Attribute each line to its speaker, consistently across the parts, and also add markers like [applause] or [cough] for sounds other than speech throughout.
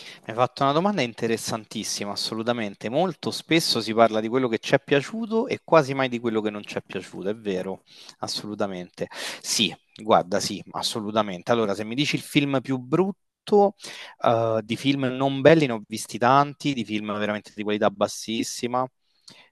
Speaker 1: Mi hai fatto una domanda interessantissima, assolutamente. Molto spesso si parla di quello che ci è piaciuto e quasi mai di quello che non ci è piaciuto, è vero, assolutamente. Sì, guarda, sì, assolutamente. Allora, se mi dici il film più brutto, di film non belli ne ho visti tanti, di film veramente di qualità bassissima,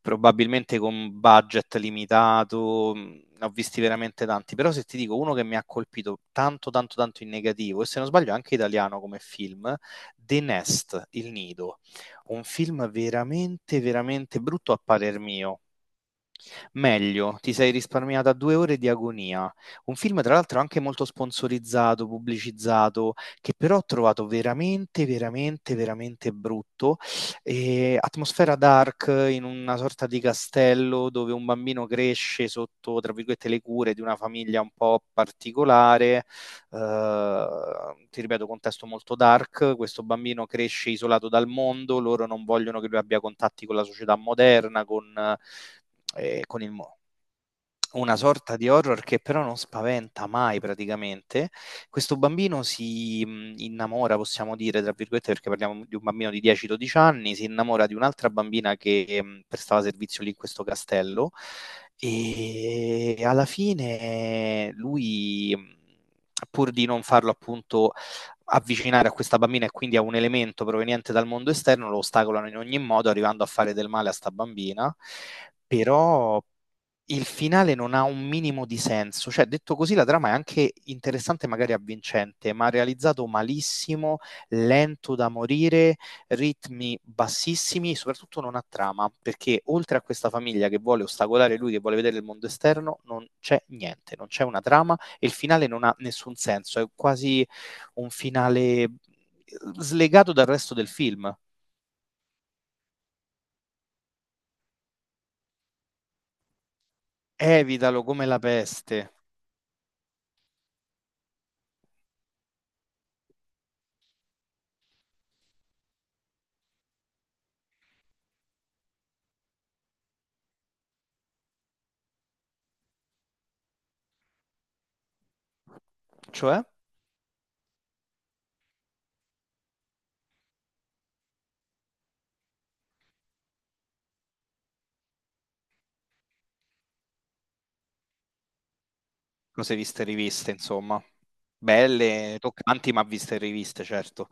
Speaker 1: probabilmente con budget limitato, ne ho visti veramente tanti, però se ti dico uno che mi ha colpito tanto, tanto, tanto in negativo, e se non sbaglio è anche italiano come film, The Nest, Il Nido, un film veramente, veramente brutto a parer mio, Meglio, ti sei risparmiata 2 ore di agonia. Un film, tra l'altro, anche molto sponsorizzato, pubblicizzato, che però ho trovato veramente, veramente, veramente brutto. E atmosfera dark in una sorta di castello dove un bambino cresce sotto, tra virgolette, le cure di una famiglia un po' particolare. Eh, ti ripeto, contesto molto dark. Questo bambino cresce isolato dal mondo, loro non vogliono che lui abbia contatti con la società moderna. Con eh, eh, con il mo- una sorta di horror che però non spaventa mai praticamente. Questo bambino si innamora, possiamo dire, tra virgolette, perché parliamo di un bambino di 10-12 anni, si innamora di un'altra bambina che prestava servizio lì in questo castello e alla fine lui, pur di non farlo appunto avvicinare a questa bambina e quindi a un elemento proveniente dal mondo esterno, lo ostacolano in ogni modo, arrivando a fare del male a sta bambina. Però il finale non ha un minimo di senso. Cioè, detto così, la trama è anche interessante, magari avvincente, ma realizzato malissimo, lento da morire, ritmi bassissimi e soprattutto non ha trama, perché oltre a questa famiglia che vuole ostacolare lui, che vuole vedere il mondo esterno, non c'è niente, non c'è una trama e il finale non ha nessun senso. È quasi un finale slegato dal resto del film. Evitalo come la peste. Cioè? Cose viste e riviste, insomma. Belle, toccanti, ma viste e riviste, certo.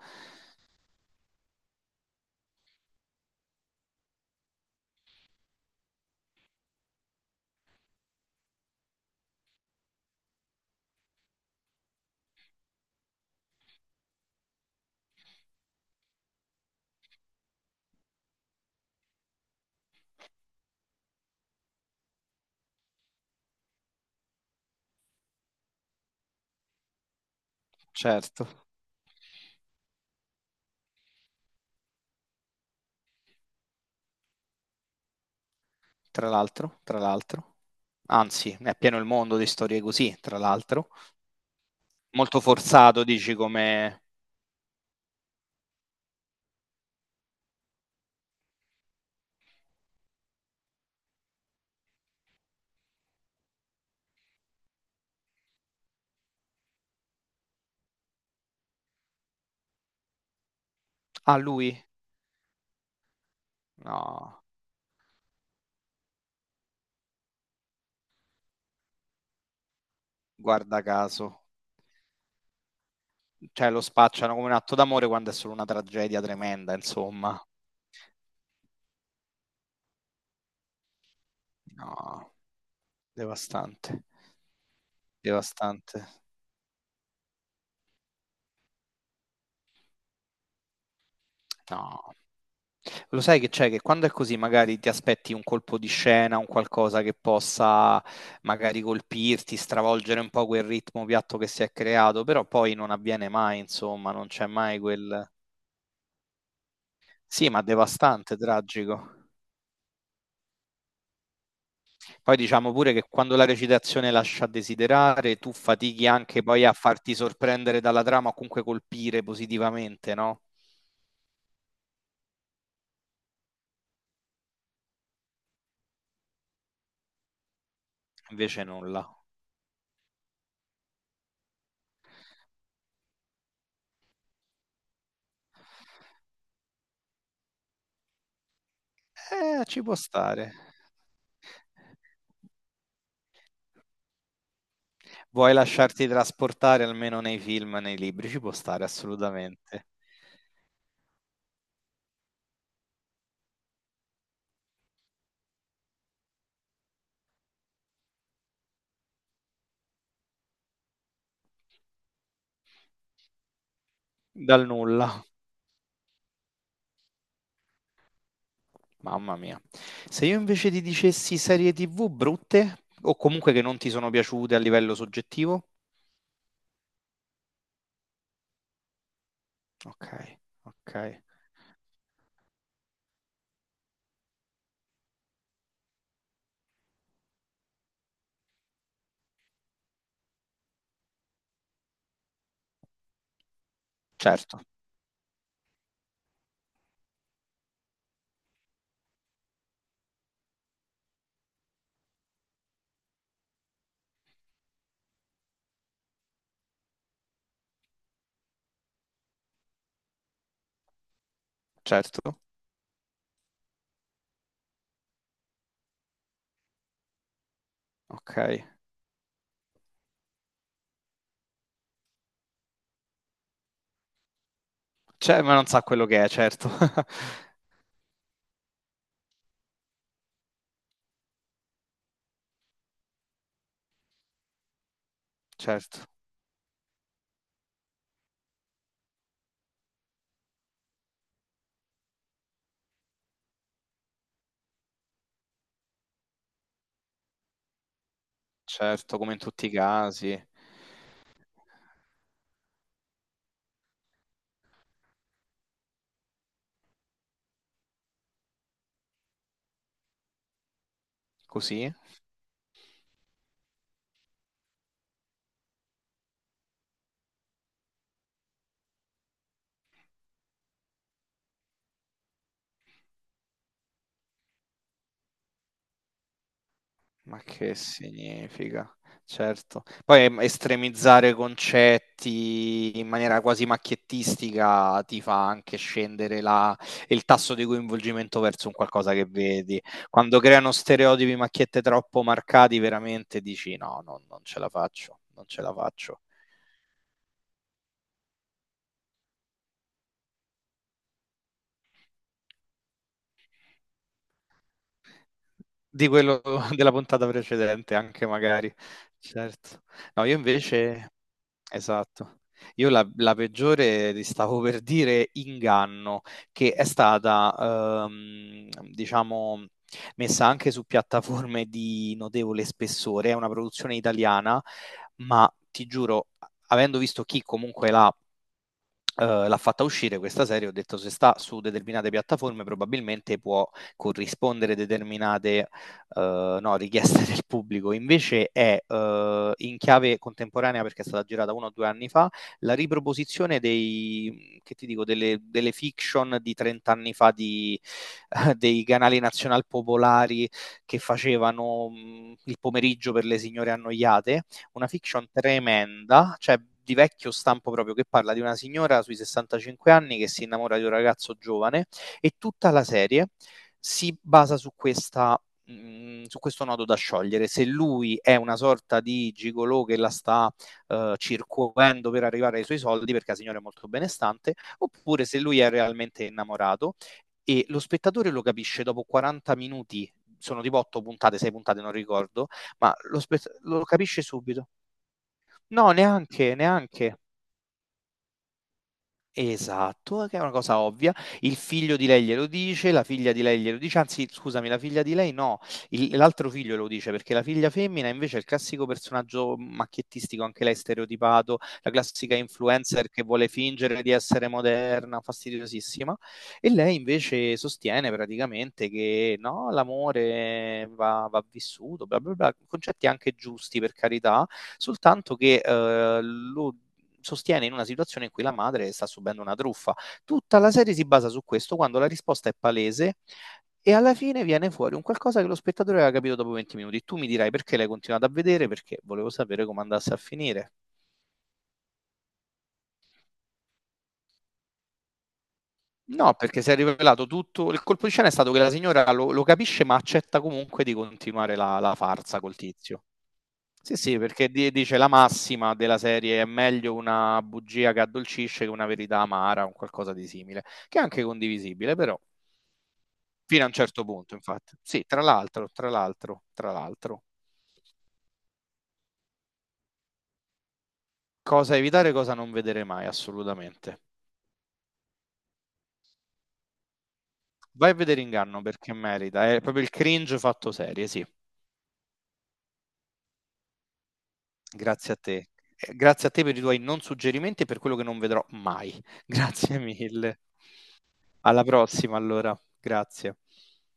Speaker 1: Certo. Tra l'altro, tra l'altro. Anzi, è pieno il mondo di storie così, tra l'altro. Molto forzato, dici come... Ah, lui? No, guarda caso. Cioè, lo spacciano come un atto d'amore quando è solo una tragedia tremenda, insomma. No, devastante. Devastante. No. Lo sai che c'è che quando è così magari ti aspetti un colpo di scena, un qualcosa che possa magari colpirti, stravolgere un po' quel ritmo piatto che si è creato, però poi non avviene mai, insomma, non c'è mai quel... Sì, ma devastante, tragico. Poi diciamo pure che quando la recitazione lascia a desiderare, tu fatichi anche poi a farti sorprendere dalla trama o comunque colpire positivamente, no? Invece nulla. Ci può stare. Vuoi lasciarti trasportare almeno nei film, nei libri, ci può stare assolutamente. Dal nulla, mamma mia. Se io invece ti dicessi serie TV brutte o comunque che non ti sono piaciute a livello soggettivo? Ok, ok. Certo, certo. Ok. Cioè, ma non sa quello che è, certo. [laughs] Certo, certo, come in tutti i casi. Così? Ma che significa? Certo. Poi estremizzare concetti in maniera quasi macchiettistica ti fa anche scendere il tasso di coinvolgimento verso un qualcosa che vedi. Quando creano stereotipi, macchiette troppo marcati, veramente dici no, no, non ce la faccio, non ce la faccio. Di quello [laughs] della puntata precedente, anche magari, certo. No, io invece, esatto, io la peggiore, ti stavo per dire, Inganno, che è stata, diciamo, messa anche su piattaforme di notevole spessore, è una produzione italiana, ma ti giuro, avendo visto chi comunque l'ha fatta uscire questa serie, ho detto se sta su determinate piattaforme probabilmente può corrispondere determinate no, richieste [laughs] del pubblico, invece è in chiave contemporanea perché è stata girata 1 o 2 anni fa, la riproposizione che ti dico, delle fiction di 30 anni fa di, [laughs] dei canali nazional popolari che facevano il pomeriggio per le signore annoiate una fiction tremenda, cioè di vecchio stampo proprio, che parla di una signora sui 65 anni che si innamora di un ragazzo giovane e tutta la serie si basa su questo nodo da sciogliere, se lui è una sorta di gigolò che la sta circuendo per arrivare ai suoi soldi perché la signora è molto benestante, oppure se lui è realmente innamorato e lo spettatore lo capisce dopo 40 minuti, sono tipo 8 puntate, 6 puntate, non ricordo, ma lo capisce subito. No, neanche, neanche. Esatto, che è una cosa ovvia. Il figlio di lei glielo dice, la figlia di lei glielo dice, anzi, scusami, la figlia di lei no, l'altro figlio lo dice perché la figlia femmina invece è il classico personaggio macchiettistico, anche lei stereotipato, la classica influencer che vuole fingere di essere moderna, fastidiosissima. E lei invece sostiene praticamente che no, l'amore va vissuto, bla bla bla, concetti anche giusti per carità, soltanto che lo sostiene in una situazione in cui la madre sta subendo una truffa. Tutta la serie si basa su questo quando la risposta è palese e alla fine viene fuori un qualcosa che lo spettatore aveva capito dopo 20 minuti. Tu mi dirai perché l'hai continuato a vedere, perché volevo sapere come andasse a finire. No, perché si è rivelato tutto. Il colpo di scena è stato che la signora lo capisce, ma accetta comunque di continuare la farsa col tizio. Sì, sì, perché dice la massima della serie è meglio una bugia che addolcisce che una verità amara, un qualcosa di simile, che è anche condivisibile, però fino a un certo punto, infatti. Sì, tra l'altro, tra l'altro, tra l'altro, cosa evitare, cosa non vedere mai, assolutamente. Vai a vedere Inganno perché merita, è proprio il cringe fatto serie, sì. Grazie a te. Grazie a te per i tuoi non suggerimenti e per quello che non vedrò mai. [laughs] Grazie mille. Alla prossima, allora. Grazie.